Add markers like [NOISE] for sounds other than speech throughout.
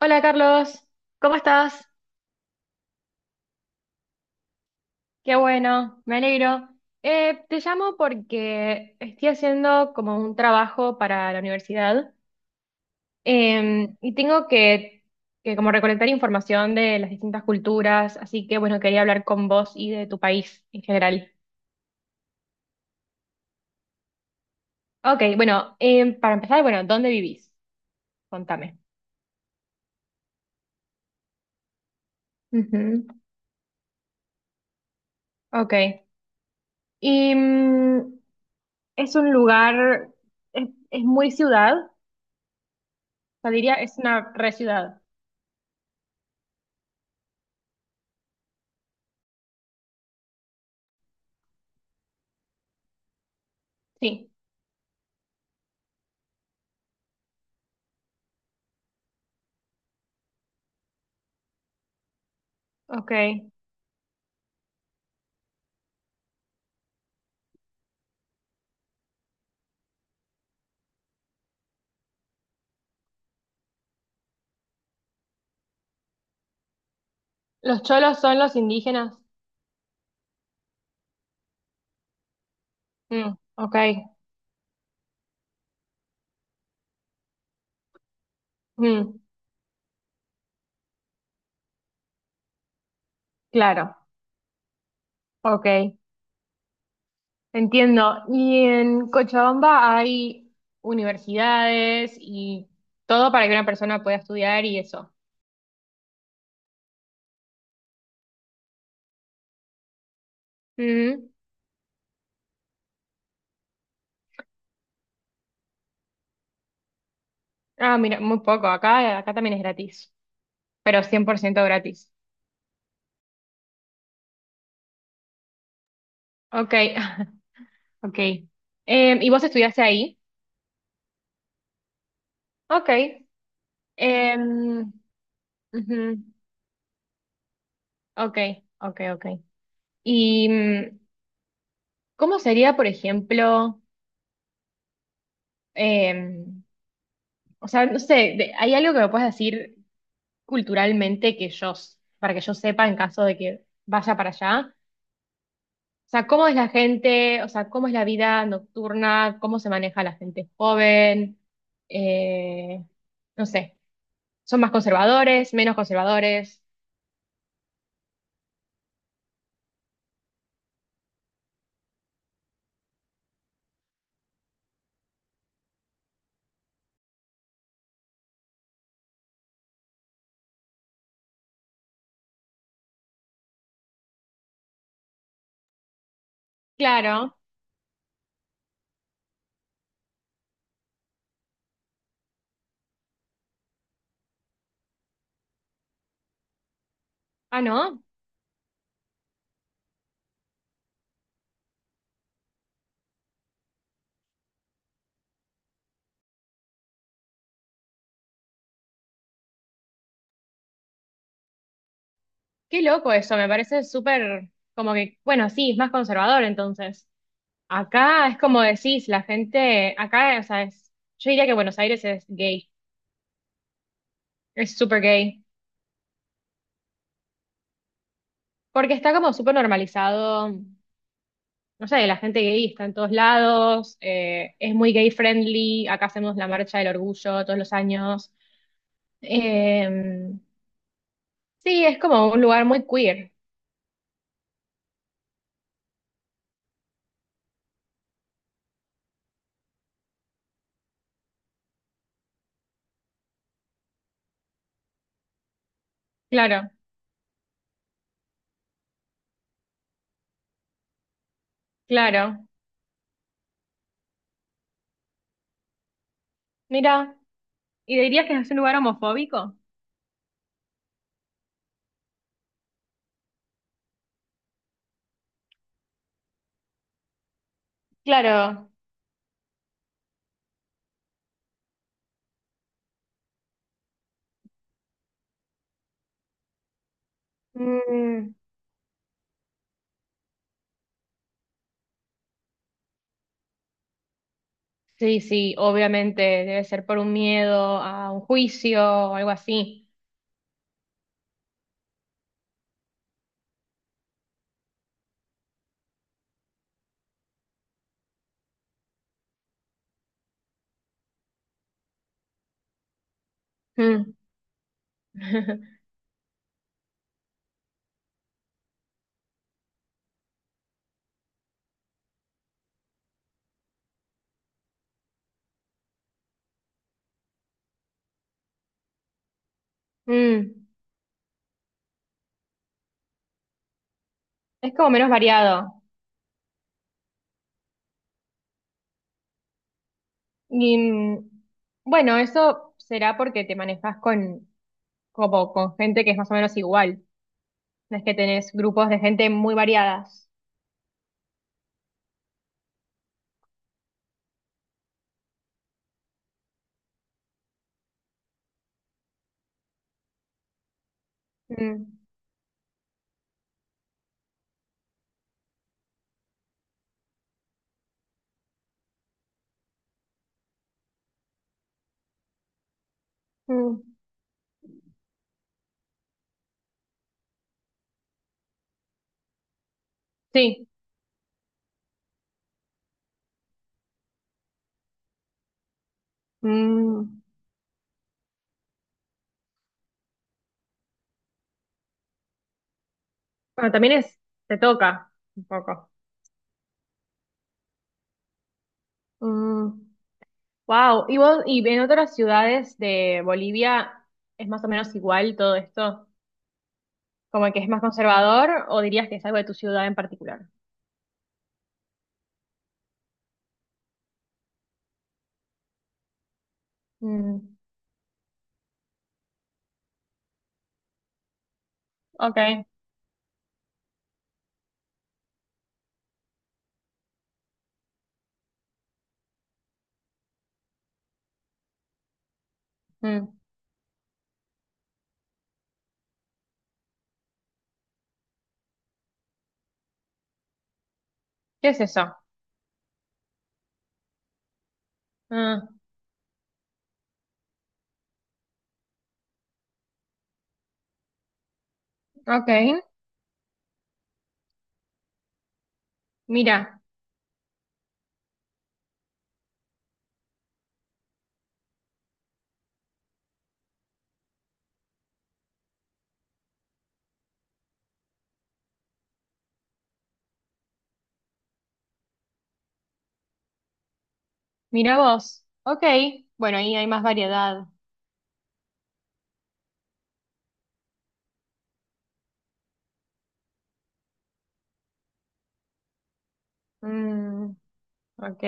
Hola, Carlos, ¿cómo estás? Qué bueno, me alegro. Te llamo porque estoy haciendo como un trabajo para la universidad, y tengo que como recolectar información de las distintas culturas, así que bueno, quería hablar con vos y de tu país en general. Ok, bueno, para empezar, bueno, ¿dónde vivís? Contame. Ujú. Ok. Y mm, es un lugar, es muy ciudad, o sea, diría, es una re ciudad. Sí. Ok. Los cholos son los indígenas. Mm, ok. Mm, claro. Ok. Entiendo. ¿Y en Cochabamba hay universidades y todo para que una persona pueda estudiar y eso? Mm. Ah, mira, muy poco. Acá también es gratis, pero 100% gratis. Ok. [LAUGHS] Ok. ¿Y vos estudiaste ahí? Ok. Em, ujú. Ok, ok, ok. ¿Y mm, cómo sería, por ejemplo? Eh, o sea, no sé, de- ¿hay algo que me puedas decir culturalmente que yo, s- para que yo sepa en caso de que vaya para allá? O sea, ¿cómo es la gente? O sea, ¿cómo es la vida nocturna? ¿Cómo se maneja la gente joven? Eh, no sé, ¿son más conservadores, menos conservadores? Claro. Ah, ¿no? Qué loco eso, me parece súper, como que, bueno, sí, es más conservador entonces. Acá es como decís, la gente, acá, o sea, es... Yo diría que Buenos Aires es gay. Es súper gay, porque está como súper normalizado, no sé, la gente gay está en todos lados, es muy gay friendly, acá hacemos la marcha del orgullo todos los años. Eh, sí, es como un lugar muy queer, claro, claro. Mira, ¿y dirías que es un lugar homofóbico? Claro. Mm, sí, sí, obviamente debe ser por un miedo a un juicio o algo así. Mm. [LAUGHS] Mm. Es como menos variado. Y mm, bueno, eso será porque te manejas con, como, con gente que es más o menos igual. No es que tenés grupos de gente muy variadas. Mm, mm, sí. Mm, bueno, también es, te toca un poco. Wow. ¿Y vos, y en otras ciudades de Bolivia es más o menos igual todo esto? ¿Como que es más conservador o dirías que es algo de tu ciudad en particular? Mm, ok. Mm, ¿qué es eso? Ah, ok. Mira. Mira vos. Ok. Bueno, ahí hay más variedad. Mm, ok.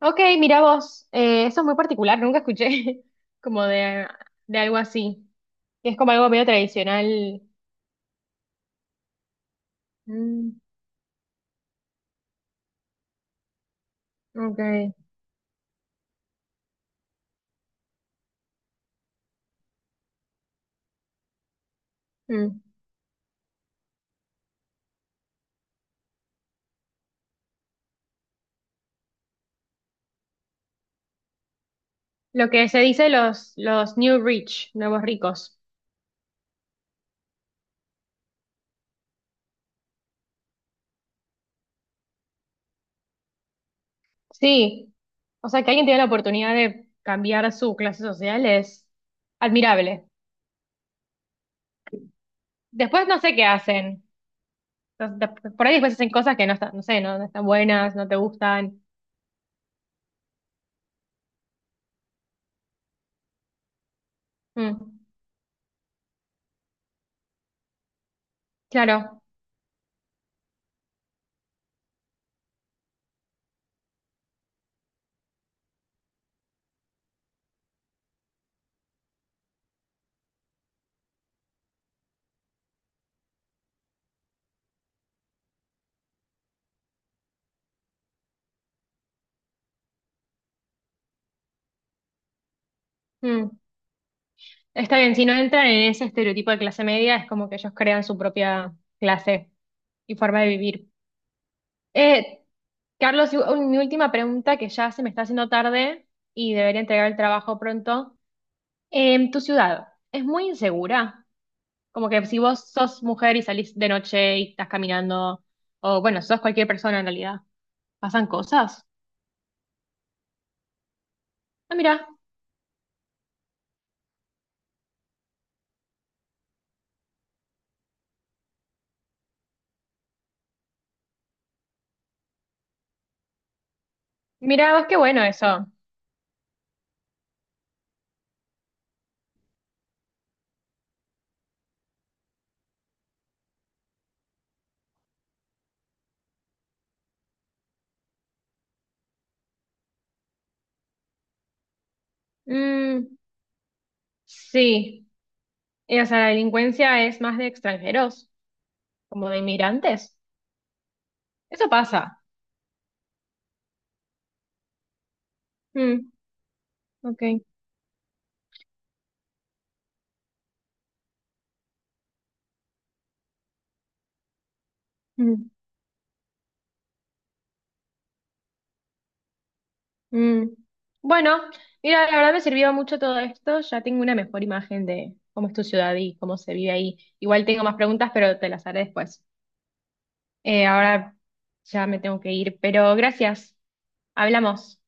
Ok, mira vos. Eso es muy particular, nunca escuché [LAUGHS] como de algo así. Es como algo medio tradicional. Mm, ok. Mm. Lo que se dice los new rich, nuevos ricos. Sí. O sea, que alguien tiene la oportunidad de cambiar su clase social es admirable. Después no sé qué hacen. Entonces, de- Por ahí después hacen cosas que no están, no sé, no, no están buenas, no te gustan. Mm, claro. Mm. Está bien, si no entran en ese estereotipo de clase media, es como que ellos crean su propia clase y forma de vivir. Eh, Carlos, y un- mi última pregunta que ya se me está haciendo tarde y debería entregar el trabajo pronto. Em, ¿tu ciudad es muy insegura? Como que si vos sos mujer y salís de noche y estás caminando, o bueno, sos cualquier persona en realidad, ¿pasan cosas? Ah, mira, mira, vos qué bueno eso. Mm, sí. Y, o sea, ¿la delincuencia es más de extranjeros, como de inmigrantes? Eso pasa. Mm, ok. Mm, mm. Bueno, mira, la verdad me sirvió mucho todo esto. Ya tengo una mejor imagen de cómo es tu ciudad y cómo se vive ahí. Igual tengo más preguntas, pero te las haré después. Ahora ya me tengo que ir, pero gracias. Hablamos.